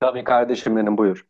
Tabii kardeşim benim buyur.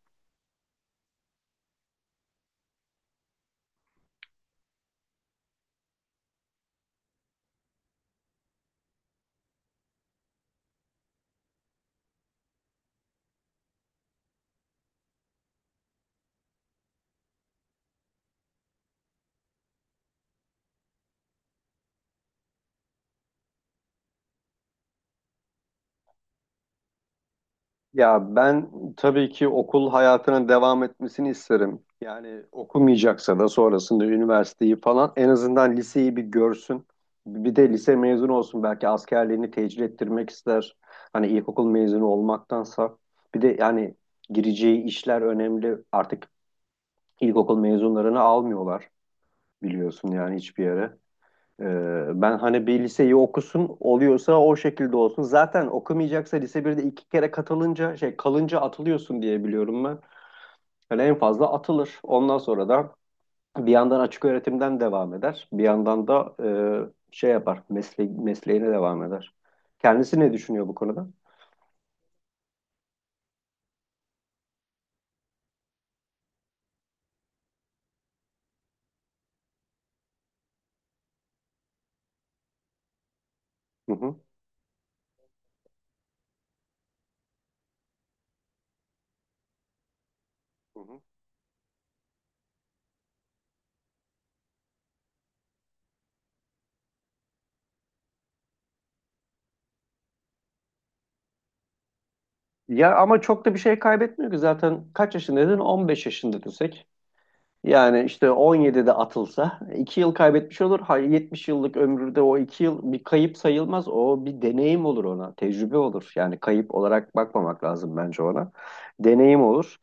Ya ben tabii ki okul hayatının devam etmesini isterim. Yani okumayacaksa da sonrasında üniversiteyi falan en azından liseyi bir görsün. Bir de lise mezunu olsun belki askerliğini tecil ettirmek ister. Hani ilkokul mezunu olmaktansa. Bir de yani gireceği işler önemli. Artık ilkokul mezunlarını almıyorlar biliyorsun yani hiçbir yere. Ben hani bir liseyi okusun oluyorsa o şekilde olsun. Zaten okumayacaksa lise birde iki kere katılınca şey kalınca atılıyorsun diye biliyorum ben. Yani en fazla atılır. Ondan sonra da bir yandan açık öğretimden devam eder. Bir yandan da şey yapar mesleğine devam eder. Kendisi ne düşünüyor bu konuda? Hı hı. Ya ama çok da bir şey kaybetmiyor ki zaten kaç yaşındaydın? 15 yaşında desek. Yani işte 17'de atılsa 2 yıl kaybetmiş olur. Hayır, 70 yıllık ömründe o 2 yıl bir kayıp sayılmaz. O bir deneyim olur ona. Tecrübe olur. Yani kayıp olarak bakmamak lazım bence ona. Deneyim olur.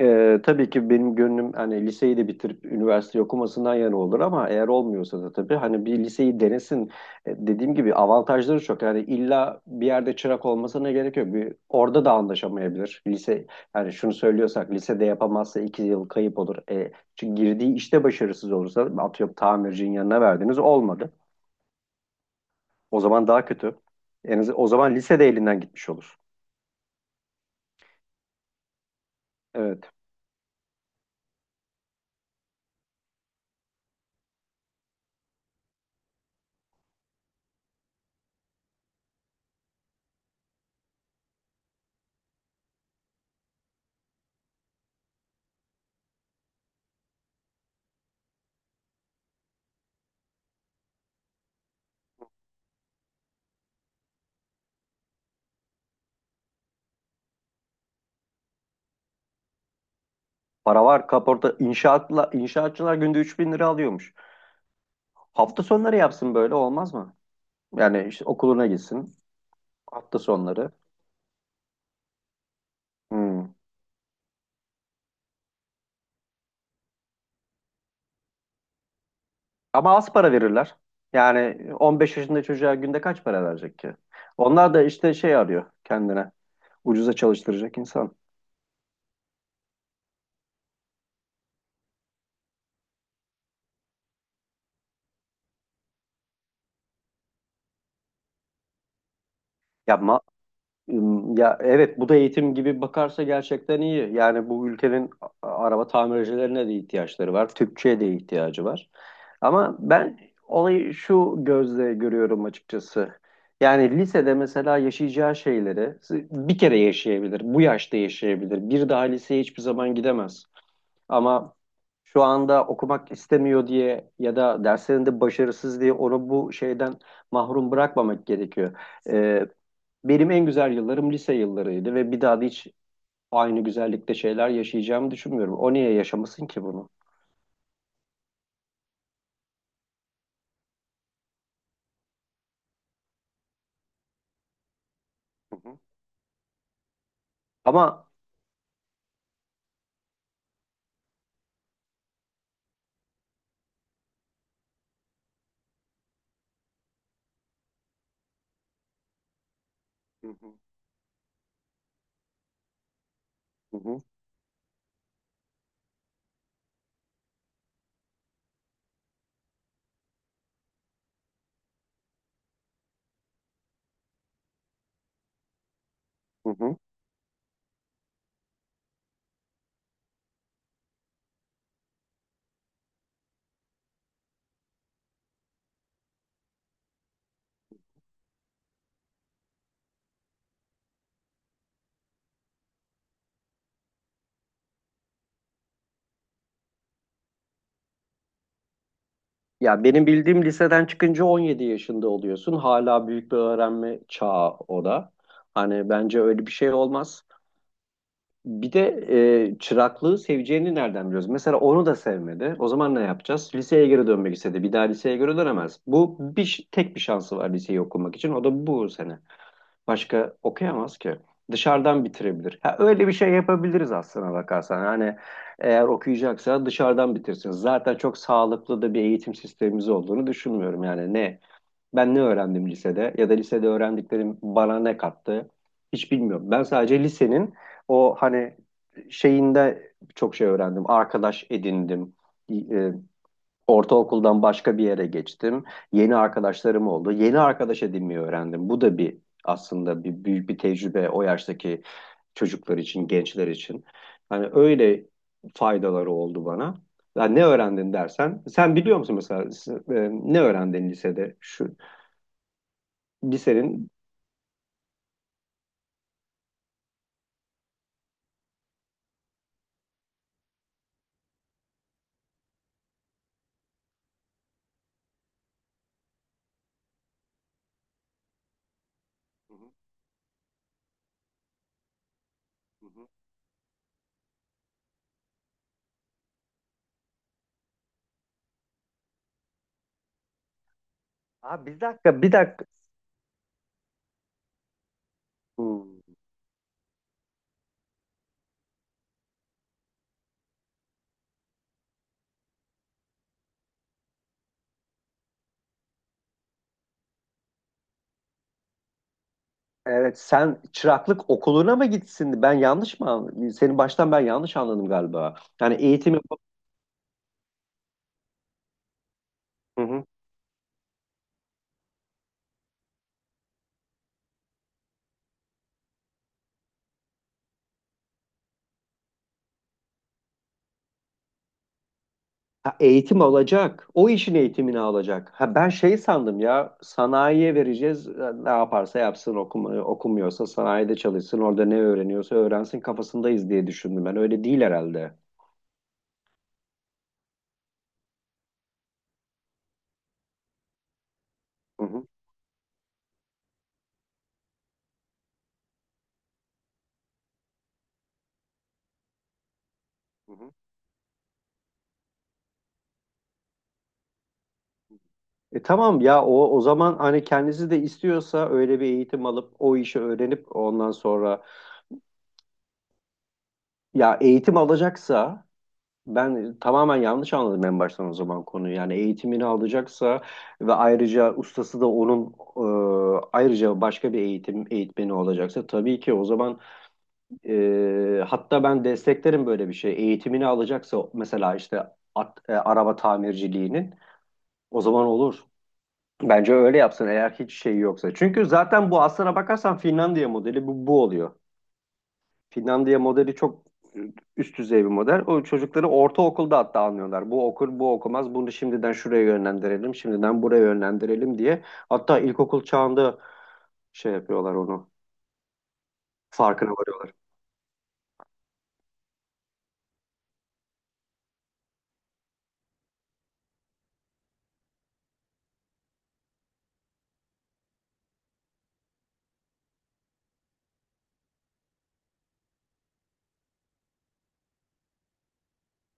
Tabii ki benim gönlüm hani liseyi de bitirip üniversite okumasından yana olur ama eğer olmuyorsa da tabii hani bir liseyi denesin. Dediğim gibi avantajları çok. Yani illa bir yerde çırak olmasına gerek yok. Bir, orada da anlaşamayabilir. Lise yani şunu söylüyorsak lisede yapamazsa 2 yıl kayıp olur. Çünkü girdiği işte başarısız olursa atıyorum tamircinin yanına verdiniz olmadı. O zaman daha kötü. En az, o zaman lisede elinden gitmiş olur. Evet. Para var, kaporta inşaatla inşaatçılar günde 3.000 lira alıyormuş. Hafta sonları yapsın, böyle olmaz mı? Yani işte okuluna gitsin hafta sonları. Hmm. Ama az para verirler. Yani 15 yaşında çocuğa günde kaç para verecek ki? Onlar da işte şey arıyor kendine. Ucuza çalıştıracak insan. Ya Ya evet, bu da eğitim gibi bakarsa gerçekten iyi. Yani bu ülkenin araba tamircilerine de ihtiyaçları var. Tüpçüye de ihtiyacı var. Ama ben olayı şu gözle görüyorum açıkçası. Yani lisede mesela yaşayacağı şeyleri bir kere yaşayabilir, bu yaşta yaşayabilir. Bir daha liseye hiçbir zaman gidemez. Ama şu anda okumak istemiyor diye ya da derslerinde başarısız diye onu bu şeyden mahrum bırakmamak gerekiyor. Benim en güzel yıllarım lise yıllarıydı ve bir daha da hiç aynı güzellikte şeyler yaşayacağımı düşünmüyorum. O niye yaşamasın ki bunu? Hı hı. Ama. Hı hı. Hı hı, hı hı. Ya benim bildiğim liseden çıkınca 17 yaşında oluyorsun. Hala büyük bir öğrenme çağı o da. Hani bence öyle bir şey olmaz. Bir de çıraklığı seveceğini nereden biliyoruz? Mesela onu da sevmedi. O zaman ne yapacağız? Liseye geri dönmek istedi. Bir daha liseye geri dönemez. Bu bir, tek bir şansı var liseyi okumak için. O da bu sene. Başka okuyamaz ki. Dışarıdan bitirebilir. Ha, öyle bir şey yapabiliriz aslına bakarsan. Hani eğer okuyacaksa dışarıdan bitirsin. Zaten çok sağlıklı da bir eğitim sistemimiz olduğunu düşünmüyorum. Yani ne ben ne öğrendim lisede ya da lisede öğrendiklerim bana ne kattı hiç bilmiyorum. Ben sadece lisenin o hani şeyinde çok şey öğrendim. Arkadaş edindim. E, Ortaokuldan başka bir yere geçtim. Yeni arkadaşlarım oldu. Yeni arkadaş edinmeyi öğrendim. Bu da bir, aslında bir büyük bir tecrübe o yaştaki çocuklar için, gençler için. Hani öyle faydaları oldu bana. Ya ne öğrendin dersen, sen biliyor musun mesela ne öğrendin lisede? Şu lisenin. Hı hı, hı hı. Aa, bir dakika, bir dakika. Hmm. Evet, sen çıraklık okuluna mı gitsin? Ben yanlış mı anladım? Seni baştan ben yanlış anladım galiba. Yani eğitimi. Hı hı. Ha, eğitim alacak. O işin eğitimini alacak. Ha, ben şey sandım ya, sanayiye vereceğiz. Ne yaparsa yapsın, okuma, okumuyorsa sanayide çalışsın. Orada ne öğreniyorsa öğrensin kafasındayız diye düşündüm ben. Öyle değil herhalde. Hı hı, hı hı. Tamam ya, o zaman hani kendisi de istiyorsa öyle bir eğitim alıp o işi öğrenip ondan sonra, ya eğitim alacaksa. Ben tamamen yanlış anladım en baştan o zaman konuyu. Yani eğitimini alacaksa ve ayrıca ustası da onun ayrıca başka bir eğitim eğitmeni olacaksa tabii ki o zaman hatta ben desteklerim böyle bir şey. Eğitimini alacaksa mesela işte araba tamirciliğinin, o zaman olur. Bence öyle yapsın eğer hiç şey yoksa. Çünkü zaten bu, aslına bakarsan Finlandiya modeli bu oluyor. Finlandiya modeli çok üst düzey bir model. O çocukları ortaokulda hatta anlıyorlar. Bu okur, bu okumaz. Bunu şimdiden şuraya yönlendirelim, şimdiden buraya yönlendirelim diye. Hatta ilkokul çağında şey yapıyorlar onu. Farkına varıyorlar.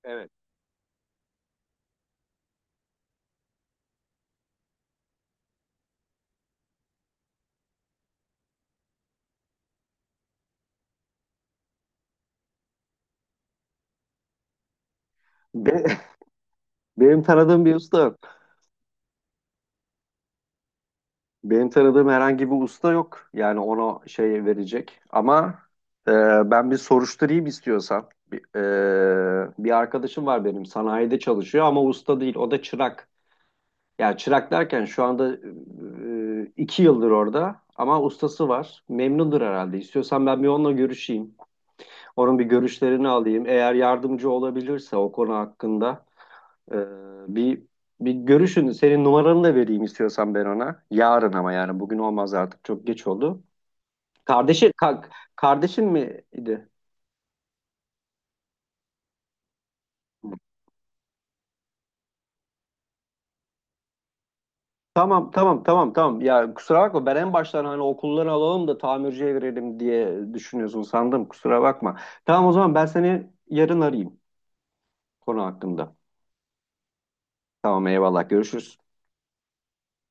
Evet. Be- Benim tanıdığım bir usta yok. Benim tanıdığım herhangi bir usta yok. Yani ona şey verecek. Ama e, ben bir soruşturayım istiyorsan. Bir arkadaşım var benim, sanayide çalışıyor ama usta değil. O da çırak. Ya çırak derken şu anda 2 yıldır orada ama ustası var. Memnundur herhalde. İstiyorsan ben bir onunla görüşeyim. Onun bir görüşlerini alayım. Eğer yardımcı olabilirse o konu hakkında e, bir bir görüşün. Senin numaranı da vereyim istiyorsan ben ona. Yarın ama, yani bugün olmaz artık, çok geç oldu. Kardeşi ka- Kardeşin miydi? Tamam, tamam, tamam, tamam. Ya kusura bakma, ben en baştan hani okulları alalım da tamirciye verelim diye düşünüyorsun sandım. Kusura bakma. Tamam, o zaman ben seni yarın arayayım konu hakkında. Tamam, eyvallah, görüşürüz.